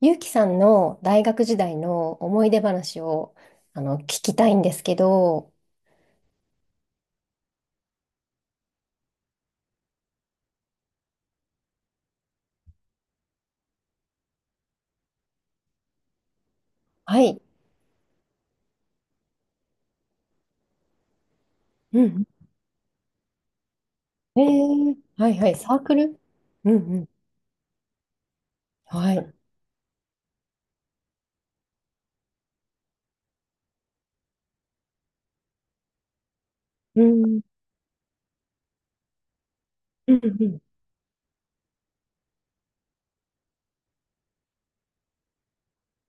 ゆうきさんの大学時代の思い出話を聞きたいんですけど。はい。うん。はいはい。サークル。うんうん。はい。うん。うんうん。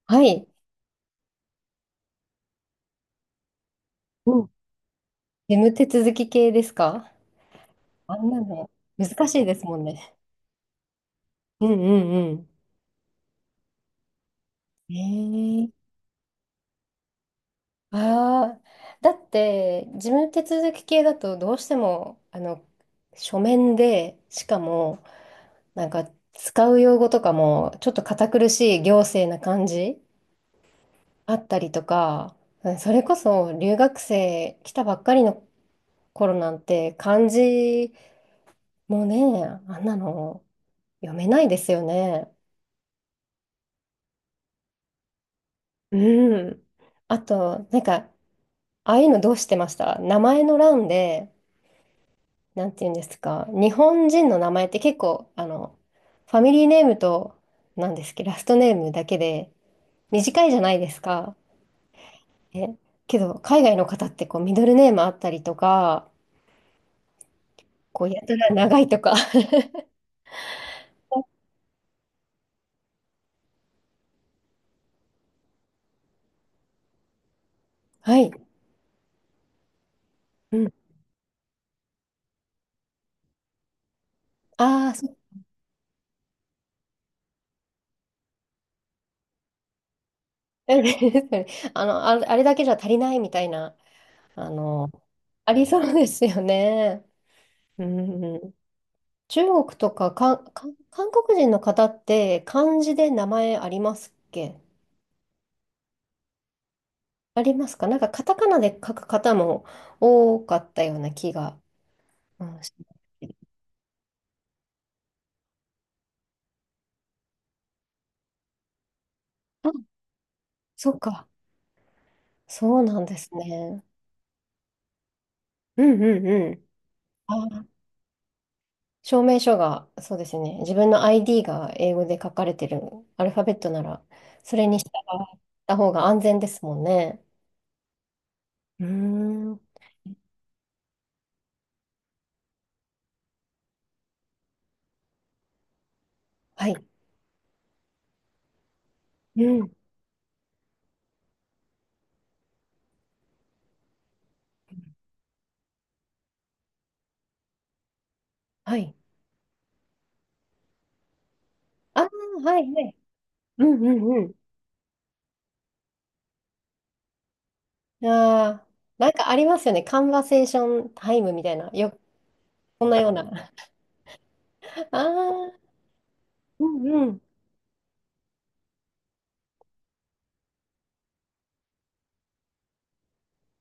はい。うん。眠手続き系ですか？あんなの、難しいですもんね。うんうんうん。えー、ああ、だって事務手続き系だとどうしても書面で、しかもなんか使う用語とかもちょっと堅苦しい行政な感じあったりとか、うん。それこそ留学生来たばっかりの頃なんて漢字もね、あんなの読めないですよね。うん。あと、なんか、ああいうのどうしてました？名前の欄で、なんて言うんですか、日本人の名前って結構、ファミリーネームと、なんですっけど、ラストネームだけで短いじゃないですか。え、けど、海外の方ってこうミドルネームあったりとか、こうやたら長いとか。はい。うん。ああ、そう。あれだけじゃ足りないみたいな、あの、ありそうですよね。うん。中国とか、韓国人の方って漢字で名前ありますっけ？ありますか？なんかカタカナで書く方も多かったような気が、うん、しますけど。あ、そうか。そうなんですね。うんうんうん。あー証明書が、そうですね。自分の ID が英語で書かれてるアルファベットなら、それに従った方が安全ですもんね。うーん。はい。うん。はい。ああ、はい、はい。うんうんうん。ああ、なんかありますよね。カンバセーションタイムみたいな。こんなような。ああ、うんうん。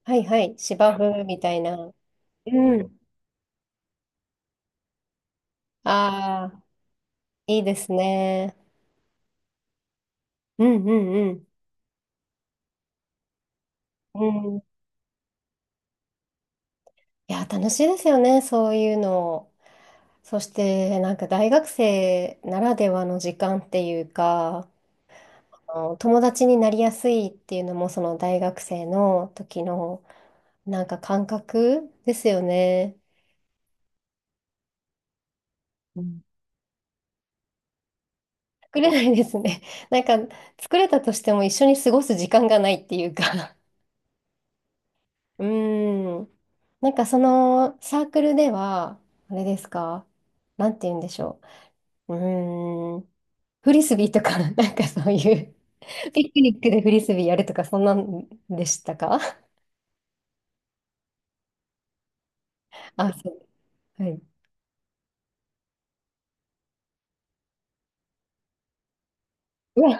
はいはい。芝生みたいな。うん。ああ、いいですね。うんうんうん。いや、楽しいですよね、そういうの。そして、なんか大学生ならではの時間っていうか、友達になりやすいっていうのも、その大学生の時の、なんか感覚ですよね。うん、作れないですね。なんか、作れたとしても一緒に過ごす時間がないっていうか。うーん。なんかそのサークルでは、あれですか、なんて言うんでしょう。うーん。フリスビーとか、なんかそういう。ピクニックでフリスビーやるとか、そんなんでしたか？ あ、そう。はい。うわ、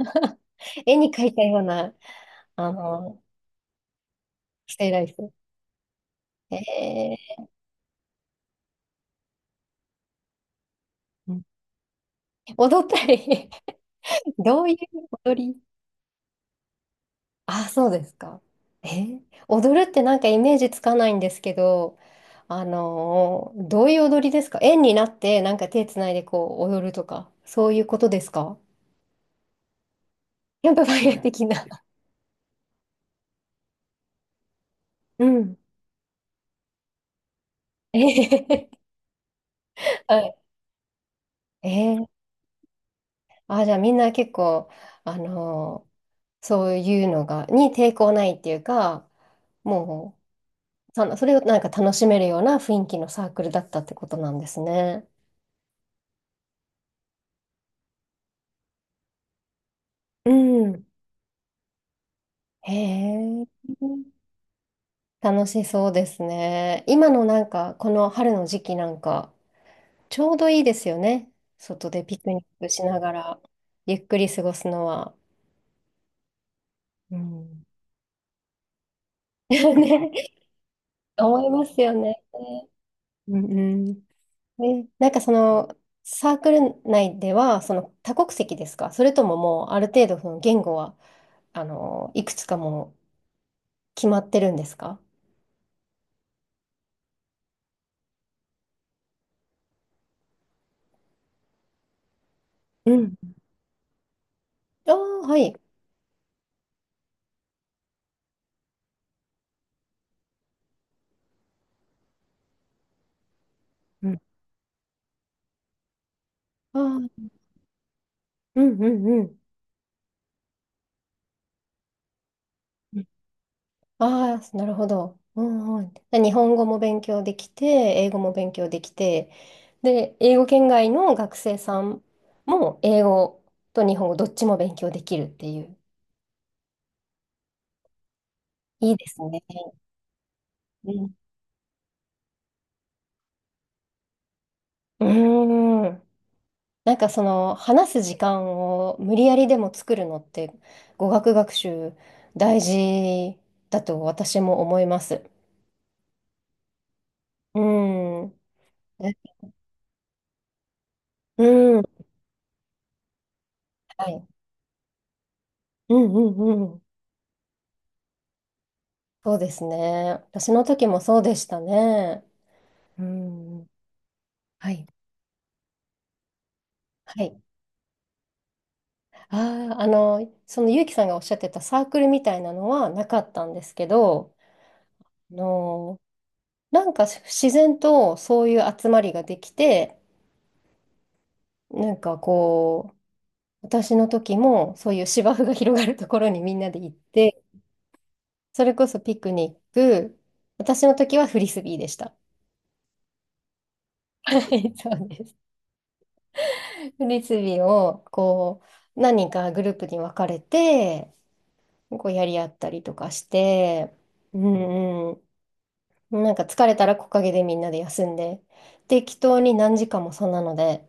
絵に描いたような、あの、ステイライフ。ええ、うん、踊ったり。 どういう踊り。あ、そうですか。えー踊るってなんかイメージつかないんですけど、どういう踊りですか？円になってなんか手つないでこう踊るとか、そういうことですか？キャンプファイヤー的な。うん。えー はい。えじゃあみんな結構、あのーそういうのが、に抵抗ないっていうか、もう、それをなんか楽しめるような雰囲気のサークルだったってことなんですね。うん。へえ、楽しそうですね。今のなんか、この春の時期なんか、ちょうどいいですよね。外でピクニックしながら、ゆっくり過ごすのは。うん。ね、思いますよね。うんうん。なんかその、サークル内では、その多国籍ですか？それとももうある程度その言語は、いくつかもう決まってるんですか？うん、ああ、はい。うん、ああ、うんうんうん。うん、ああ、なるほど。うんうん。で日本語も勉強できて、英語も勉強できて、で、英語圏外の学生さんも英語と日本語どっちも勉強できるっていう。いいですね。うん。うーん。なんかその話す時間を無理やりでも作るのって語学学習大事だと私も思います。うん。えうん。はい。うんうんうん。そうですね。私の時もそうでしたね。うん。はい。はい。ああ、その結城さんがおっしゃってたサークルみたいなのはなかったんですけど、あの、なんか自然とそういう集まりができて、なんかこう、私の時もそういう芝生が広がるところにみんなで行って、それこそピクニック、私の時はフリスビーでした。はい、そうです。フリスビーをこう何人かグループに分かれて、こうやり合ったりとかして、うんうん、なんか疲れたら木陰でみんなで休んで、適当に何時間もそんなので、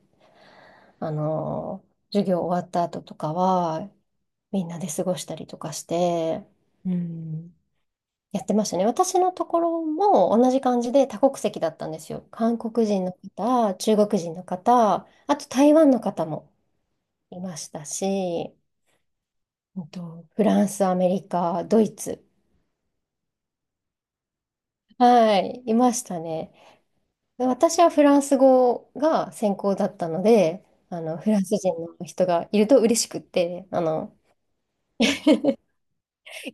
あのー授業終わった後とかはみんなで過ごしたりとかして、うん。やってましたね。私のところも同じ感じで多国籍だったんですよ。韓国人の方、中国人の方、あと台湾の方もいましたし、フランス、アメリカ、ドイツ、はい、いましたね。で私はフランス語が専攻だったので、フランス人の人がいると嬉しくって、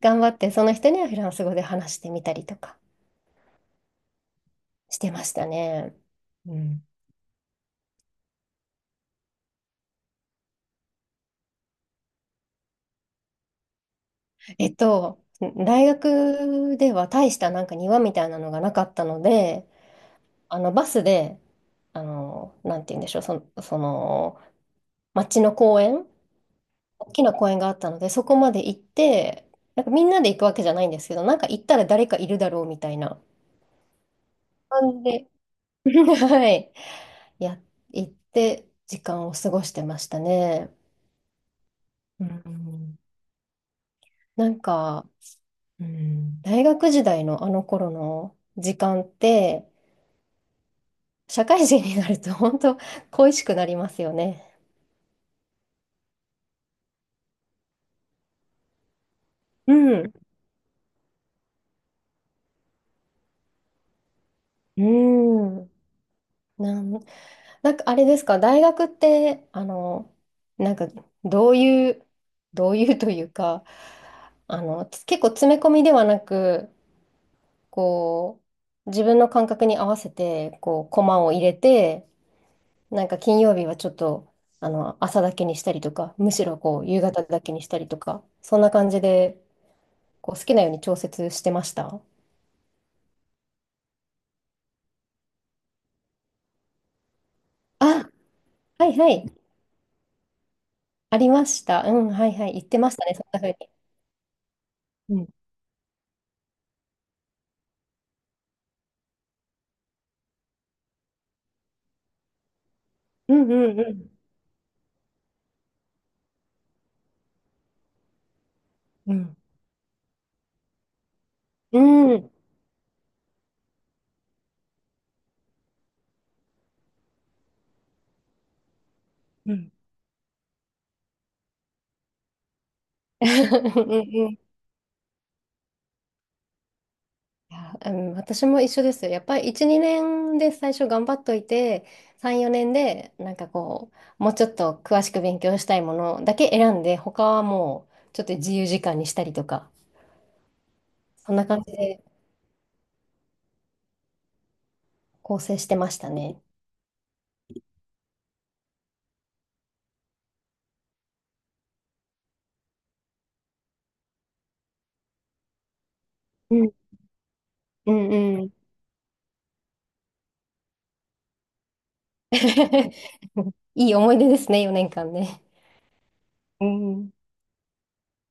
頑張ってその人にはフランス語で話してみたりとかしてましたね。うん。えっと、大学では大したなんか庭みたいなのがなかったので、バスで、なんて言うんでしょう、その、町の公園、大きな公園があったので、そこまで行って、なんかみんなで行くわけじゃないんですけど、なんか行ったら誰かいるだろうみたいな感じで、はい、や、行って時間を過ごしてましたね。うん、なんか、うん、大学時代のあの頃の時間って、社会人になると本当恋しくなりますよね。うん。うん。なん、なんかあれですか、大学って、なんかどういう、どういうというか、結構詰め込みではなく、こう、自分の感覚に合わせて、こう、コマを入れて、なんか金曜日はちょっと、朝だけにしたりとか、むしろこう、夕方だけにしたりとか、そんな感じで、こう、好きなように調節してました。あ、はいはい。ありました。うん、はいはい。言ってましたね、そんな風に。うん、うんうんうん。うん。うん。うん。うんうん、いや、うん、私も一緒ですよ。やっぱり1、2年で最初頑張っといて、3、4年でなんかこう、もうちょっと詳しく勉強したいものだけ選んで、他はもうちょっと自由時間にしたりとか、そんな感じで構成してましたね。うんうんうん。いい思い出ですね、4年間ね。うん